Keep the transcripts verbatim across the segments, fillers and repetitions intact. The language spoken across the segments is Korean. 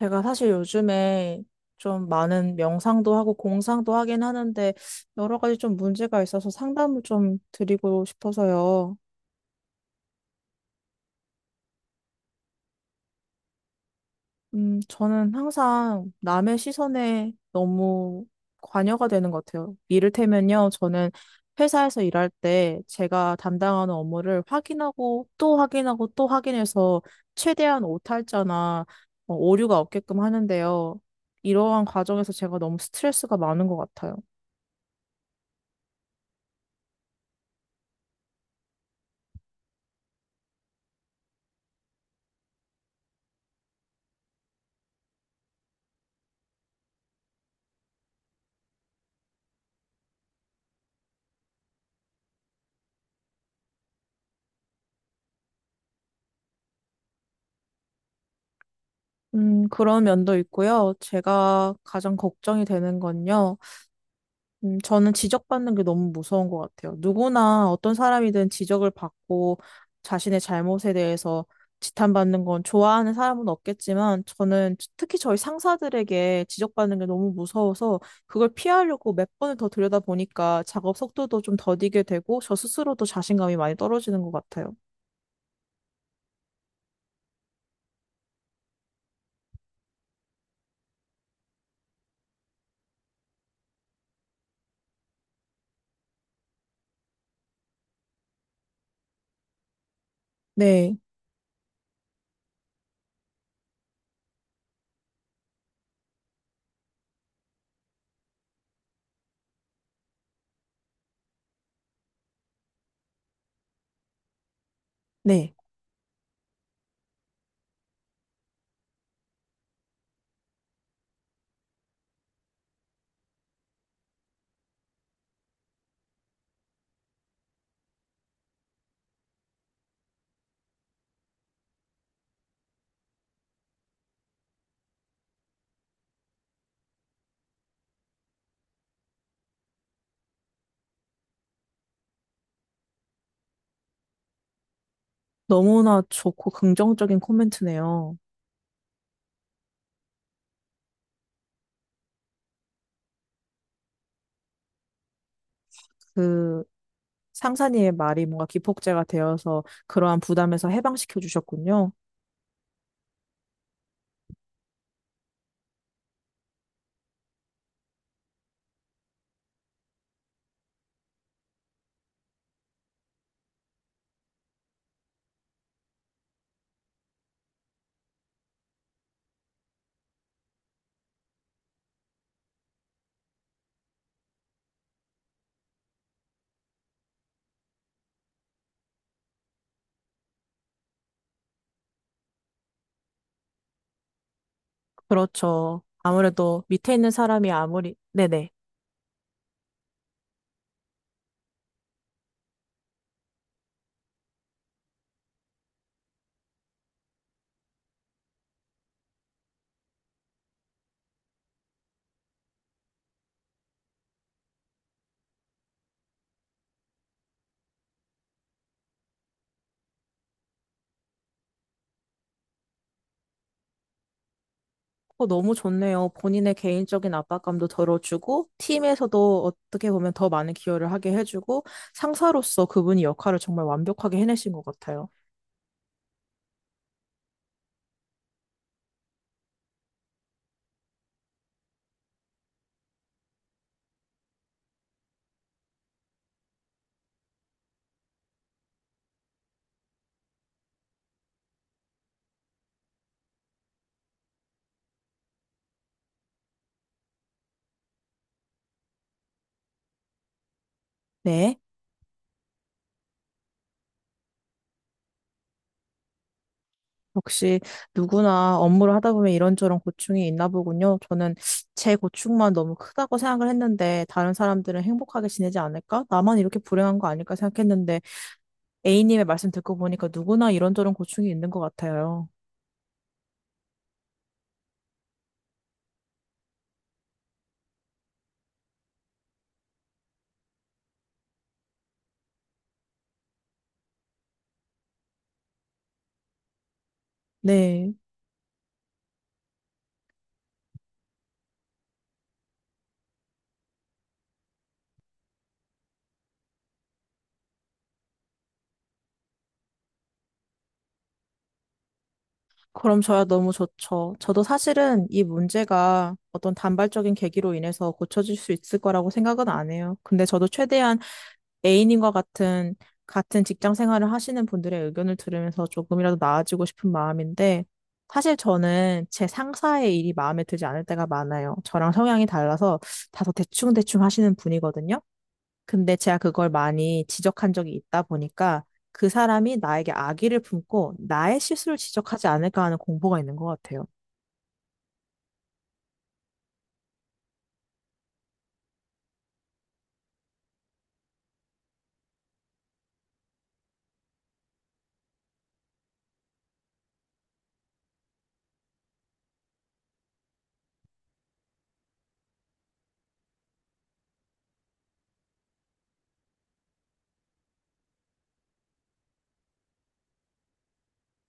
제가 사실 요즘에 좀 많은 명상도 하고 공상도 하긴 하는데 여러 가지 좀 문제가 있어서 상담을 좀 드리고 싶어서요. 음, 저는 항상 남의 시선에 너무 관여가 되는 것 같아요. 이를테면요, 저는 회사에서 일할 때 제가 담당하는 업무를 확인하고 또 확인하고 또 확인해서 최대한 오탈자나 어, 오류가 없게끔 하는데요. 이러한 과정에서 제가 너무 스트레스가 많은 것 같아요. 음, 그런 면도 있고요. 제가 가장 걱정이 되는 건요. 음, 저는 지적받는 게 너무 무서운 것 같아요. 누구나 어떤 사람이든 지적을 받고 자신의 잘못에 대해서 지탄받는 건 좋아하는 사람은 없겠지만 저는 특히 저희 상사들에게 지적받는 게 너무 무서워서 그걸 피하려고 몇 번을 더 들여다보니까 작업 속도도 좀 더디게 되고 저 스스로도 자신감이 많이 떨어지는 것 같아요. 네, 네. 너무나 좋고 긍정적인 코멘트네요. 그 상사님의 말이 뭔가 기폭제가 되어서 그러한 부담에서 해방시켜 주셨군요. 그렇죠. 아무래도 밑에 있는 사람이 아무리, 네네. 어, 너무 좋네요. 본인의 개인적인 압박감도 덜어주고, 팀에서도 어떻게 보면 더 많은 기여를 하게 해주고, 상사로서 그분이 역할을 정말 완벽하게 해내신 것 같아요. 네. 역시 누구나 업무를 하다 보면 이런저런 고충이 있나 보군요. 저는 제 고충만 너무 크다고 생각을 했는데 다른 사람들은 행복하게 지내지 않을까? 나만 이렇게 불행한 거 아닐까 생각했는데 A님의 말씀 듣고 보니까 누구나 이런저런 고충이 있는 것 같아요. 네. 그럼 저야 너무 좋죠. 저도 사실은 이 문제가 어떤 단발적인 계기로 인해서 고쳐질 수 있을 거라고 생각은 안 해요. 근데 저도 최대한 A님과 같은, 같은 직장 생활을 하시는 분들의 의견을 들으면서 조금이라도 나아지고 싶은 마음인데, 사실 저는 제 상사의 일이 마음에 들지 않을 때가 많아요. 저랑 성향이 달라서 다소 대충대충 하시는 분이거든요. 근데 제가 그걸 많이 지적한 적이 있다 보니까 그 사람이 나에게 악의를 품고 나의 실수를 지적하지 않을까 하는 공포가 있는 것 같아요.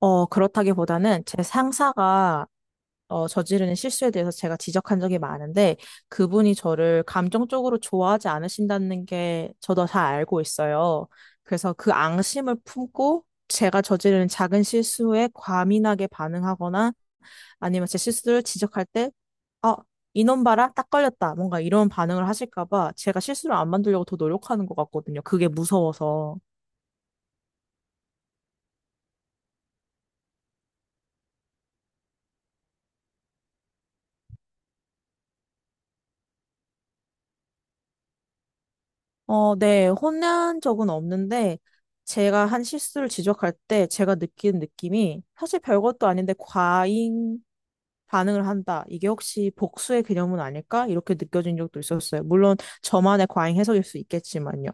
어, 그렇다기보다는 제 상사가 어, 저지르는 실수에 대해서 제가 지적한 적이 많은데 그분이 저를 감정적으로 좋아하지 않으신다는 게 저도 잘 알고 있어요. 그래서 그 앙심을 품고 제가 저지르는 작은 실수에 과민하게 반응하거나 아니면 제 실수를 지적할 때 어 이놈 봐라, 딱 걸렸다. 뭔가 이런 반응을 하실까 봐 제가 실수를 안 만들려고 더 노력하는 것 같거든요. 그게 무서워서. 어, 네, 혼난 적은 없는데, 제가 한 실수를 지적할 때 제가 느끼는 느낌이 사실 별것도 아닌데 과잉 반응을 한다. 이게 혹시 복수의 개념은 아닐까? 이렇게 느껴진 적도 있었어요. 물론 저만의 과잉 해석일 수 있겠지만요.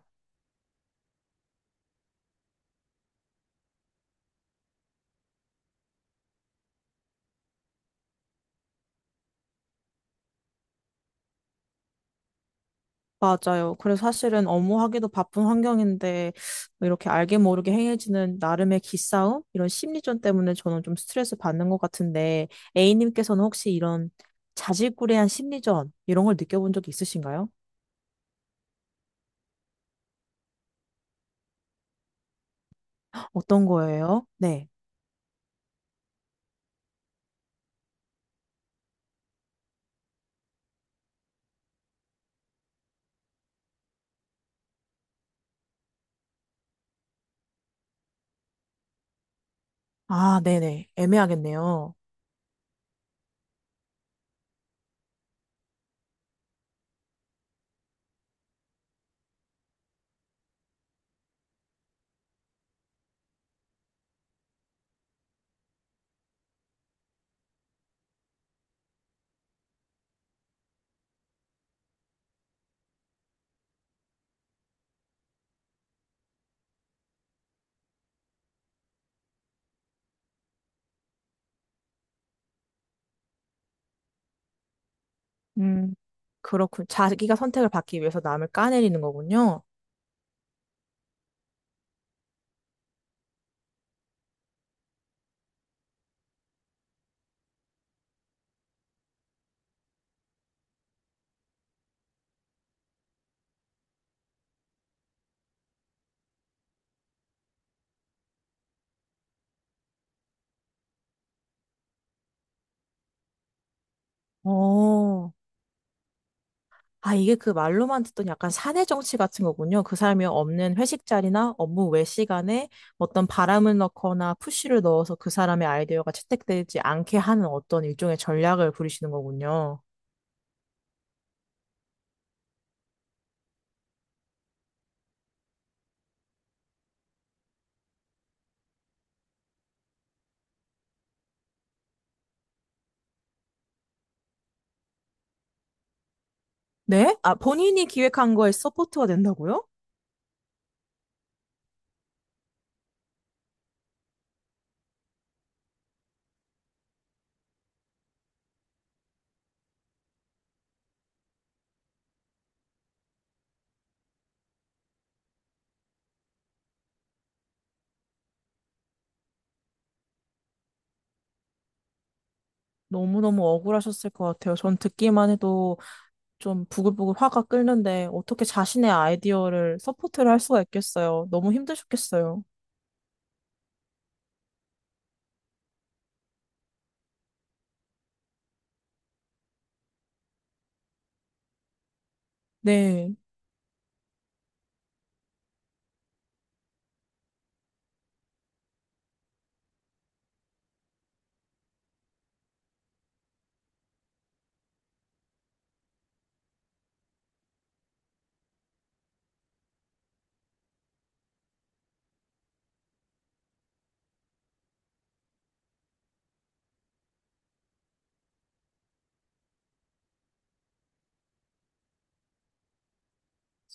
맞아요. 그래서 사실은 업무하기도 바쁜 환경인데 뭐 이렇게 알게 모르게 행해지는 나름의 기싸움? 이런 심리전 때문에 저는 좀 스트레스 받는 것 같은데 A님께서는 혹시 이런 자질구레한 심리전 이런 걸 느껴본 적이 있으신가요? 어떤 거예요? 네. 아, 네네. 애매하겠네요. 음, 그렇군. 자기가 선택을 받기 위해서 남을 까내리는 거군요. 어, 아, 이게 그 말로만 듣던 약간 사내 정치 같은 거군요. 그 사람이 없는 회식 자리나 업무 외 시간에 어떤 바람을 넣거나 푸시를 넣어서 그 사람의 아이디어가 채택되지 않게 하는 어떤 일종의 전략을 부리시는 거군요. 네? 아, 본인이 기획한 거에 서포트가 된다고요? 너무너무 억울하셨을 것 같아요. 전 듣기만 해도 좀 부글부글 화가 끓는데 어떻게 자신의 아이디어를 서포트를 할 수가 있겠어요. 너무 힘드셨겠어요. 네.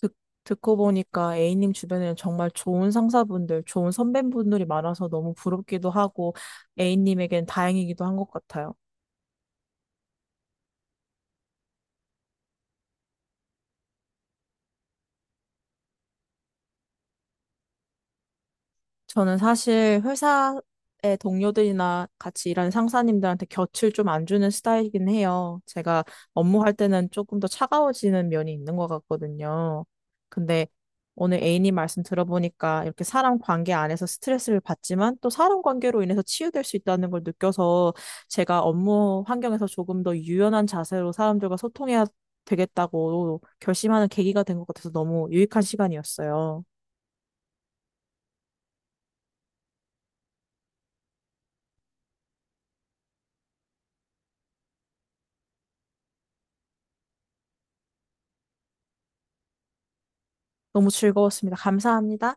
듣, 듣고 보니까 A님 주변에는 정말 좋은 상사분들, 좋은 선배분들이 많아서 너무 부럽기도 하고 A님에겐 다행이기도 한 것 같아요. 저는 사실 회사의 동료들이나 같이 일하는 상사님들한테 곁을 좀 안 주는 스타일이긴 해요. 제가 업무할 때는 조금 더 차가워지는 면이 있는 것 같거든요. 근데 오늘 A님 말씀 들어보니까 이렇게 사람 관계 안에서 스트레스를 받지만 또 사람 관계로 인해서 치유될 수 있다는 걸 느껴서 제가 업무 환경에서 조금 더 유연한 자세로 사람들과 소통해야 되겠다고 결심하는 계기가 된 것 같아서 너무 유익한 시간이었어요. 너무 즐거웠습니다. 감사합니다.